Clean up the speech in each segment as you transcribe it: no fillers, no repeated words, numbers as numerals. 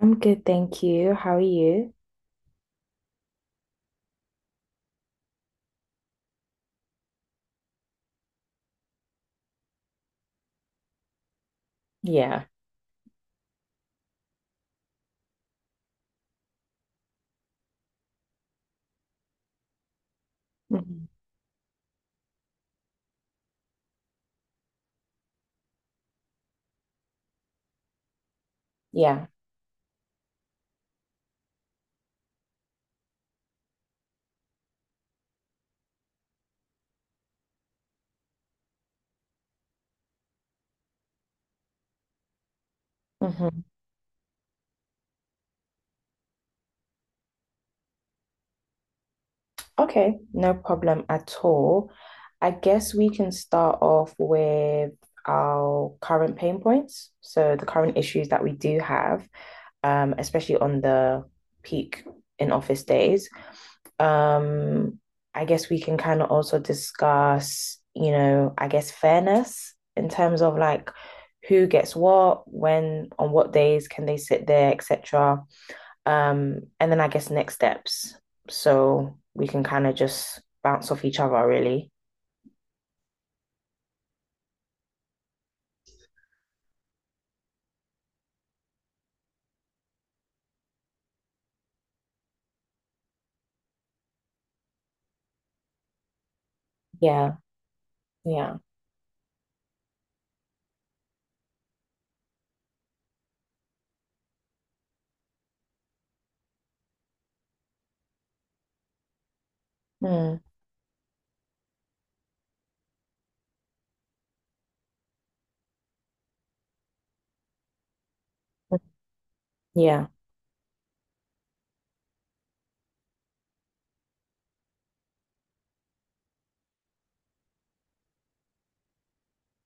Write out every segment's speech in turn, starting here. I'm good, thank you. How are you? Yeah. Mhm. Yeah. Hmm. Okay. No problem at all. I guess we can start off with our current pain points. So the current issues that we do have, especially on the peak in office days. Um, I guess we can kind of also discuss, you know, I guess fairness in terms of like who gets what, when, on what days can they sit there, etc. And then I guess next steps. So we can kind of just bounce off each other, really. Yeah, yeah. Mm. Yeah,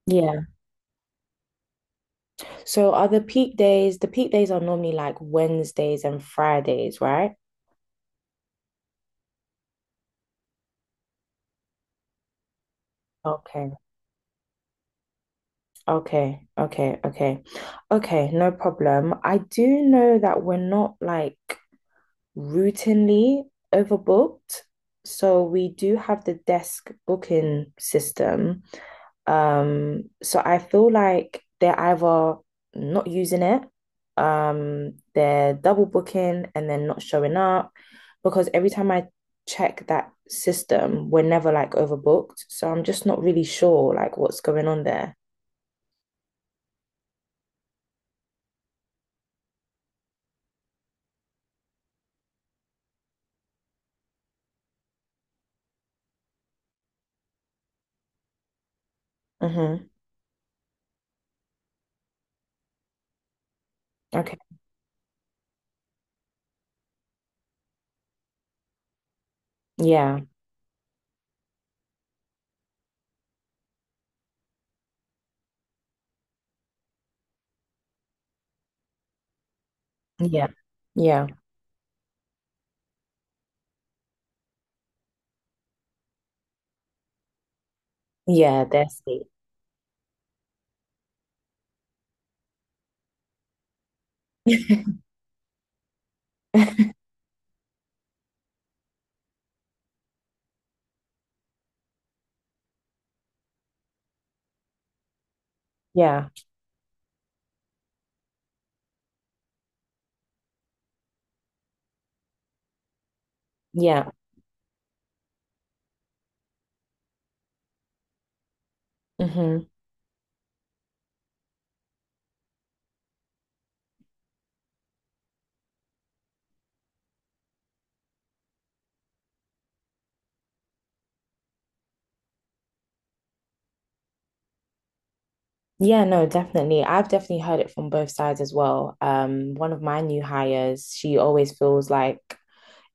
yeah. So are the peak days are normally like Wednesdays and Fridays, right? Okay, okay, okay, okay. Okay, no problem. I do know that we're not like routinely overbooked. So we do have the desk booking system. So I feel like they're either not using it, they're double booking and then not showing up. Because every time I check that system, we're never like overbooked. So I'm just not really sure like what's going on there. Mm-hmm. Okay. Yeah. Yeah. Yeah. Yeah. That's it. Yeah. Yeah. Mm-hmm. Yeah, no, definitely. I've definitely heard it from both sides as well. One of my new hires, she always feels like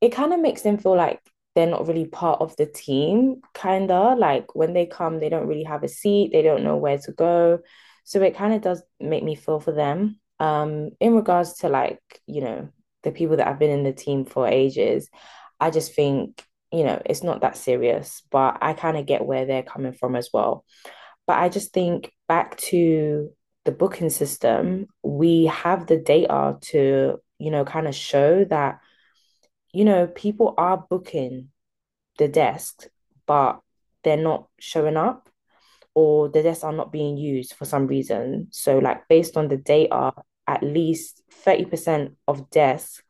it kind of makes them feel like they're not really part of the team, kind of like when they come, they don't really have a seat, they don't know where to go. So it kind of does make me feel for them. In regards to like, you know, the people that have been in the team for ages, I just think, you know, it's not that serious, but I kind of get where they're coming from as well, but I just think back to the booking system, we have the data to, you know, kind of show that, you know, people are booking the desks, but they're not showing up or the desks are not being used for some reason. So, like, based on the data, at least 30% of desks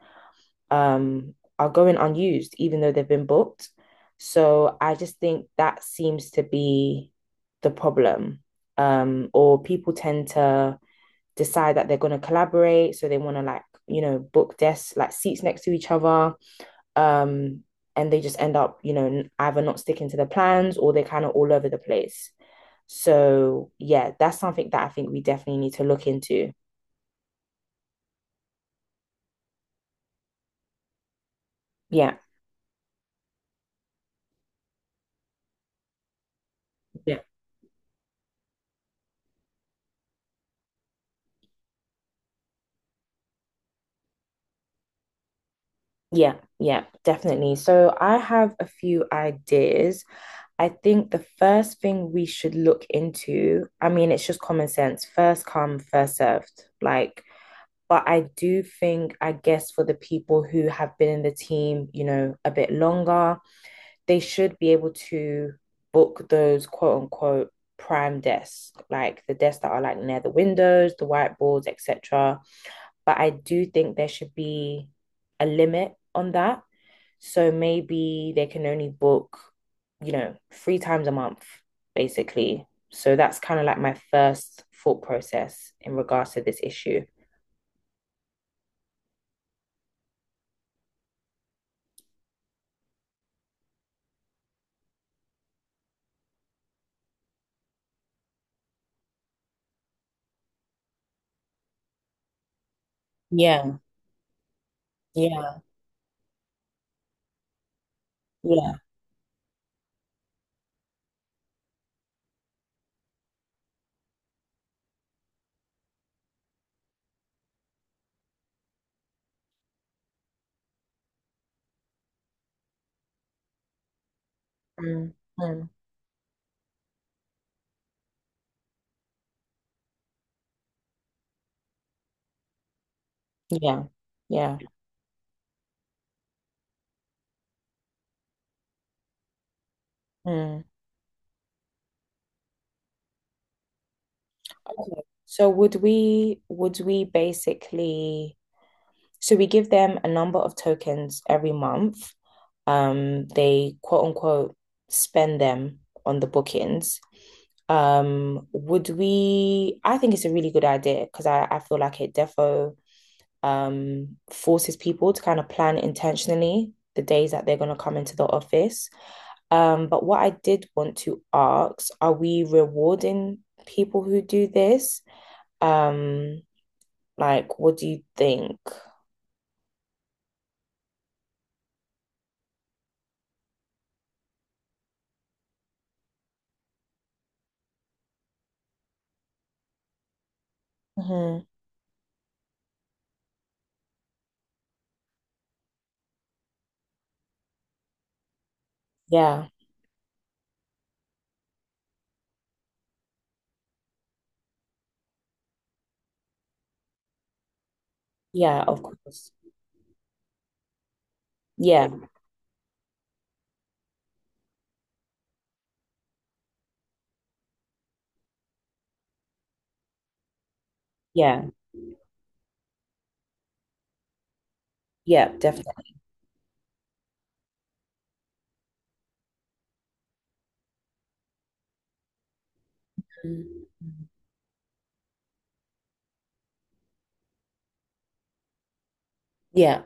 um, are going unused, even though they've been booked. So I just think that seems to be the problem. Or people tend to decide that they're going to collaborate. So they want to, like, you know, book desks, like seats next to each other. Um, and they just end up, you know, either not sticking to the plans or they're kind of all over the place. So, yeah, that's something that I think we definitely need to look into. Yeah. Yeah. Yeah, yeah, definitely. So I have a few ideas. I think the first thing we should look into, I mean, it's just common sense, first come, first served. Like, but I do think, I guess, for the people who have been in the team, you know, a bit longer, they should be able to book those quote unquote prime desks, like the desks that are like near the windows, the whiteboards, etc. But I do think there should be a limit on that. So maybe they can only book, you know, 3 times a month, basically. So that's kind of like my first thought process in regards to this issue. Yeah, yeah, yeah. Mm, mm, yeah, yeah. Mm. Okay. So would we basically, so we give them a number of tokens every month. They quote unquote spend them on the bookings. Would we? I think it's a really good idea because I feel like it defo, forces people to kind of plan intentionally the days that they're going to come into the office. But what I did want to ask, are we rewarding people who do this? Um, like, what do you think? Mhm. Yeah. Yeah, of course. Yeah, yeah, yeah, definitely. Mm. Yeah,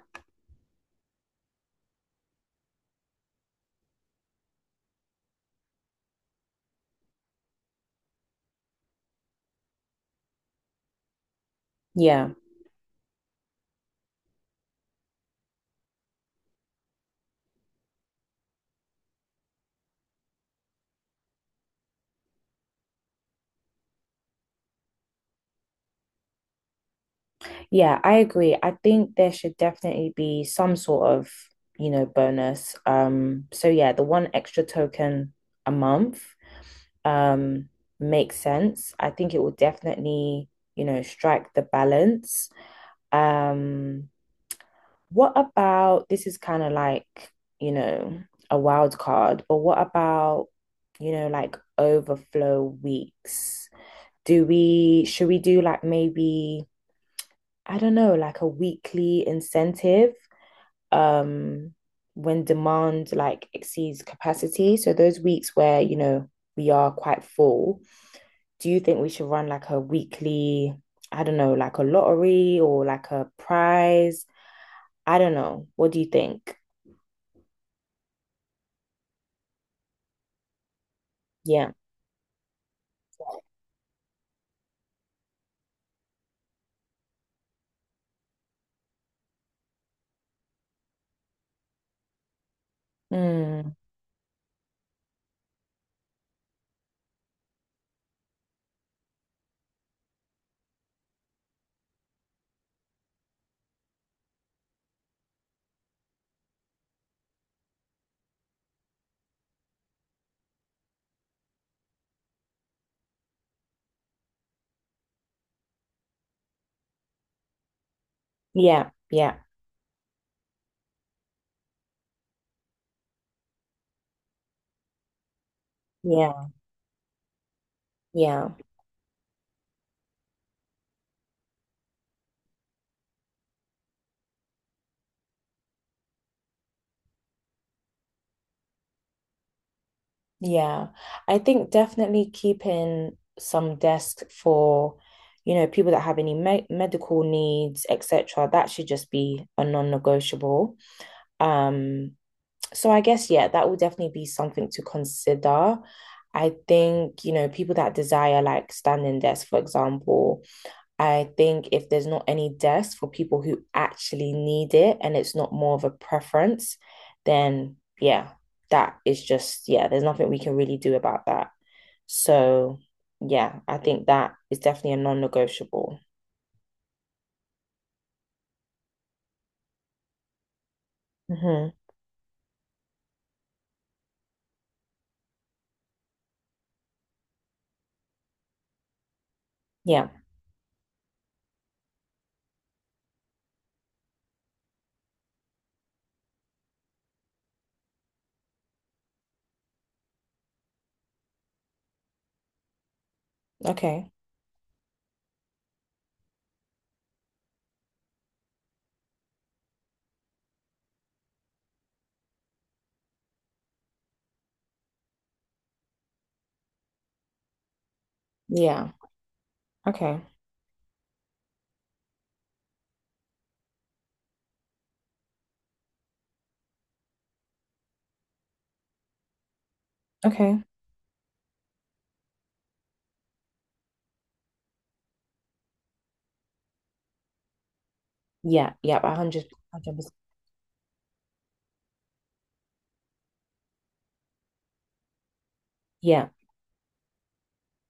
yeah, yeah, I agree. I think there should definitely be some sort of, you know, bonus. So yeah, the one extra token a month, um, makes sense. I think it will definitely, you know, strike the balance. Um, What about, this is kind of like, you know, a wild card, but what about, you know, like overflow weeks? Should we do like maybe, I don't know, like a weekly incentive, um, when demand like exceeds capacity? So those weeks where, you know, we are quite full, do you think we should run like a weekly, I don't know, like a lottery or like a prize? I don't know. What do you think? Yeah. Mm, yeah, yeah, yeah, yeah, yeah. I think definitely keeping some desk for, you know, people that have any me medical needs, etc. That should just be a non-negotiable. Um, so I guess yeah, that will definitely be something to consider. I think, you know, people that desire like standing desk, for example. I think if there's not any desk for people who actually need it and it's not more of a preference, then yeah, that is just, yeah, there's nothing we can really do about that. So yeah, I think that is definitely a non-negotiable. Hmm. Yeah. Okay. Yeah. Okay. Okay. Yeah. Yeah. 100, 100%. Yeah.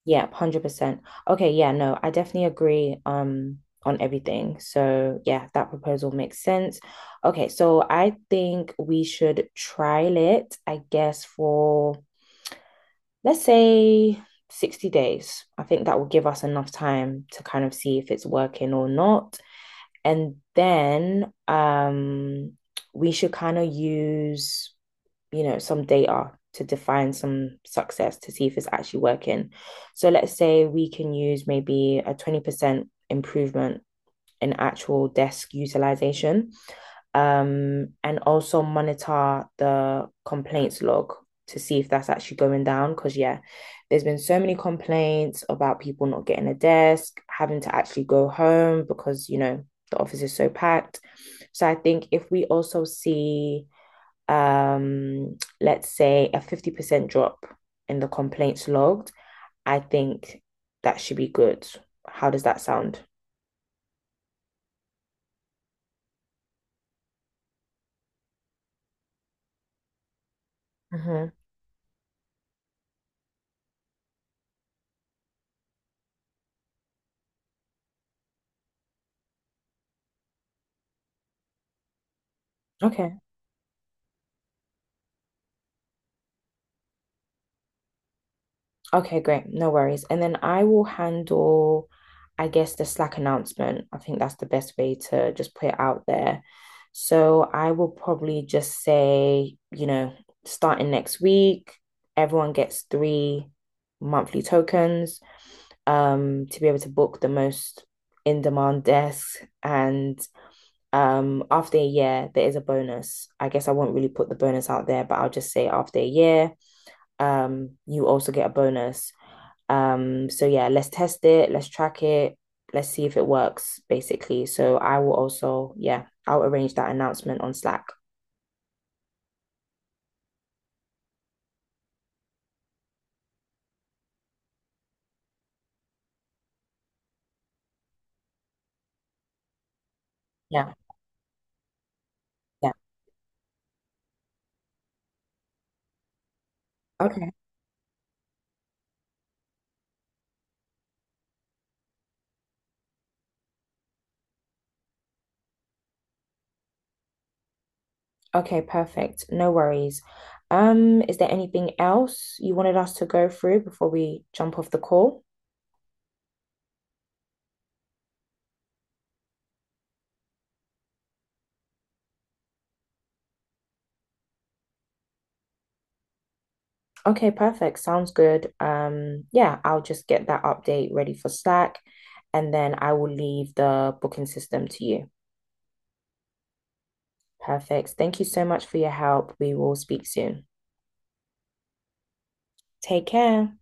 Yeah, 100%. Okay, yeah, no, I definitely agree on everything. So, yeah, that proposal makes sense. Okay, so I think we should trial it, I guess, for let's say 60 days. I think that will give us enough time to kind of see if it's working or not. And then we should kind of use, you know, some data to define some success to see if it's actually working. So let's say we can use maybe a 20% improvement in actual desk utilization, and also monitor the complaints log to see if that's actually going down. Because, yeah, there's been so many complaints about people not getting a desk, having to actually go home because, you know, the office is so packed. So I think if we also see, let's say a 50% drop in the complaints logged, I think that should be good. How does that sound? Mm-hmm. Okay. Okay, great. No worries. And then I will handle, I guess, the Slack announcement. I think that's the best way to just put it out there. So I will probably just say, you know, starting next week, everyone gets 3 monthly tokens to be able to book the most in-demand desks. And after a year, there is a bonus. I guess I won't really put the bonus out there, but I'll just say after a year, you also get a bonus. So yeah, let's test it, let's track it, let's see if it works, basically. So I will also, yeah, I'll arrange that announcement on Slack. Yeah, yeah. Okay. Okay, perfect. No worries. Is there anything else you wanted us to go through before we jump off the call? Okay, perfect. Sounds good. Yeah, I'll just get that update ready for Slack and then I will leave the booking system to you. Perfect. Thank you so much for your help. We will speak soon. Take care.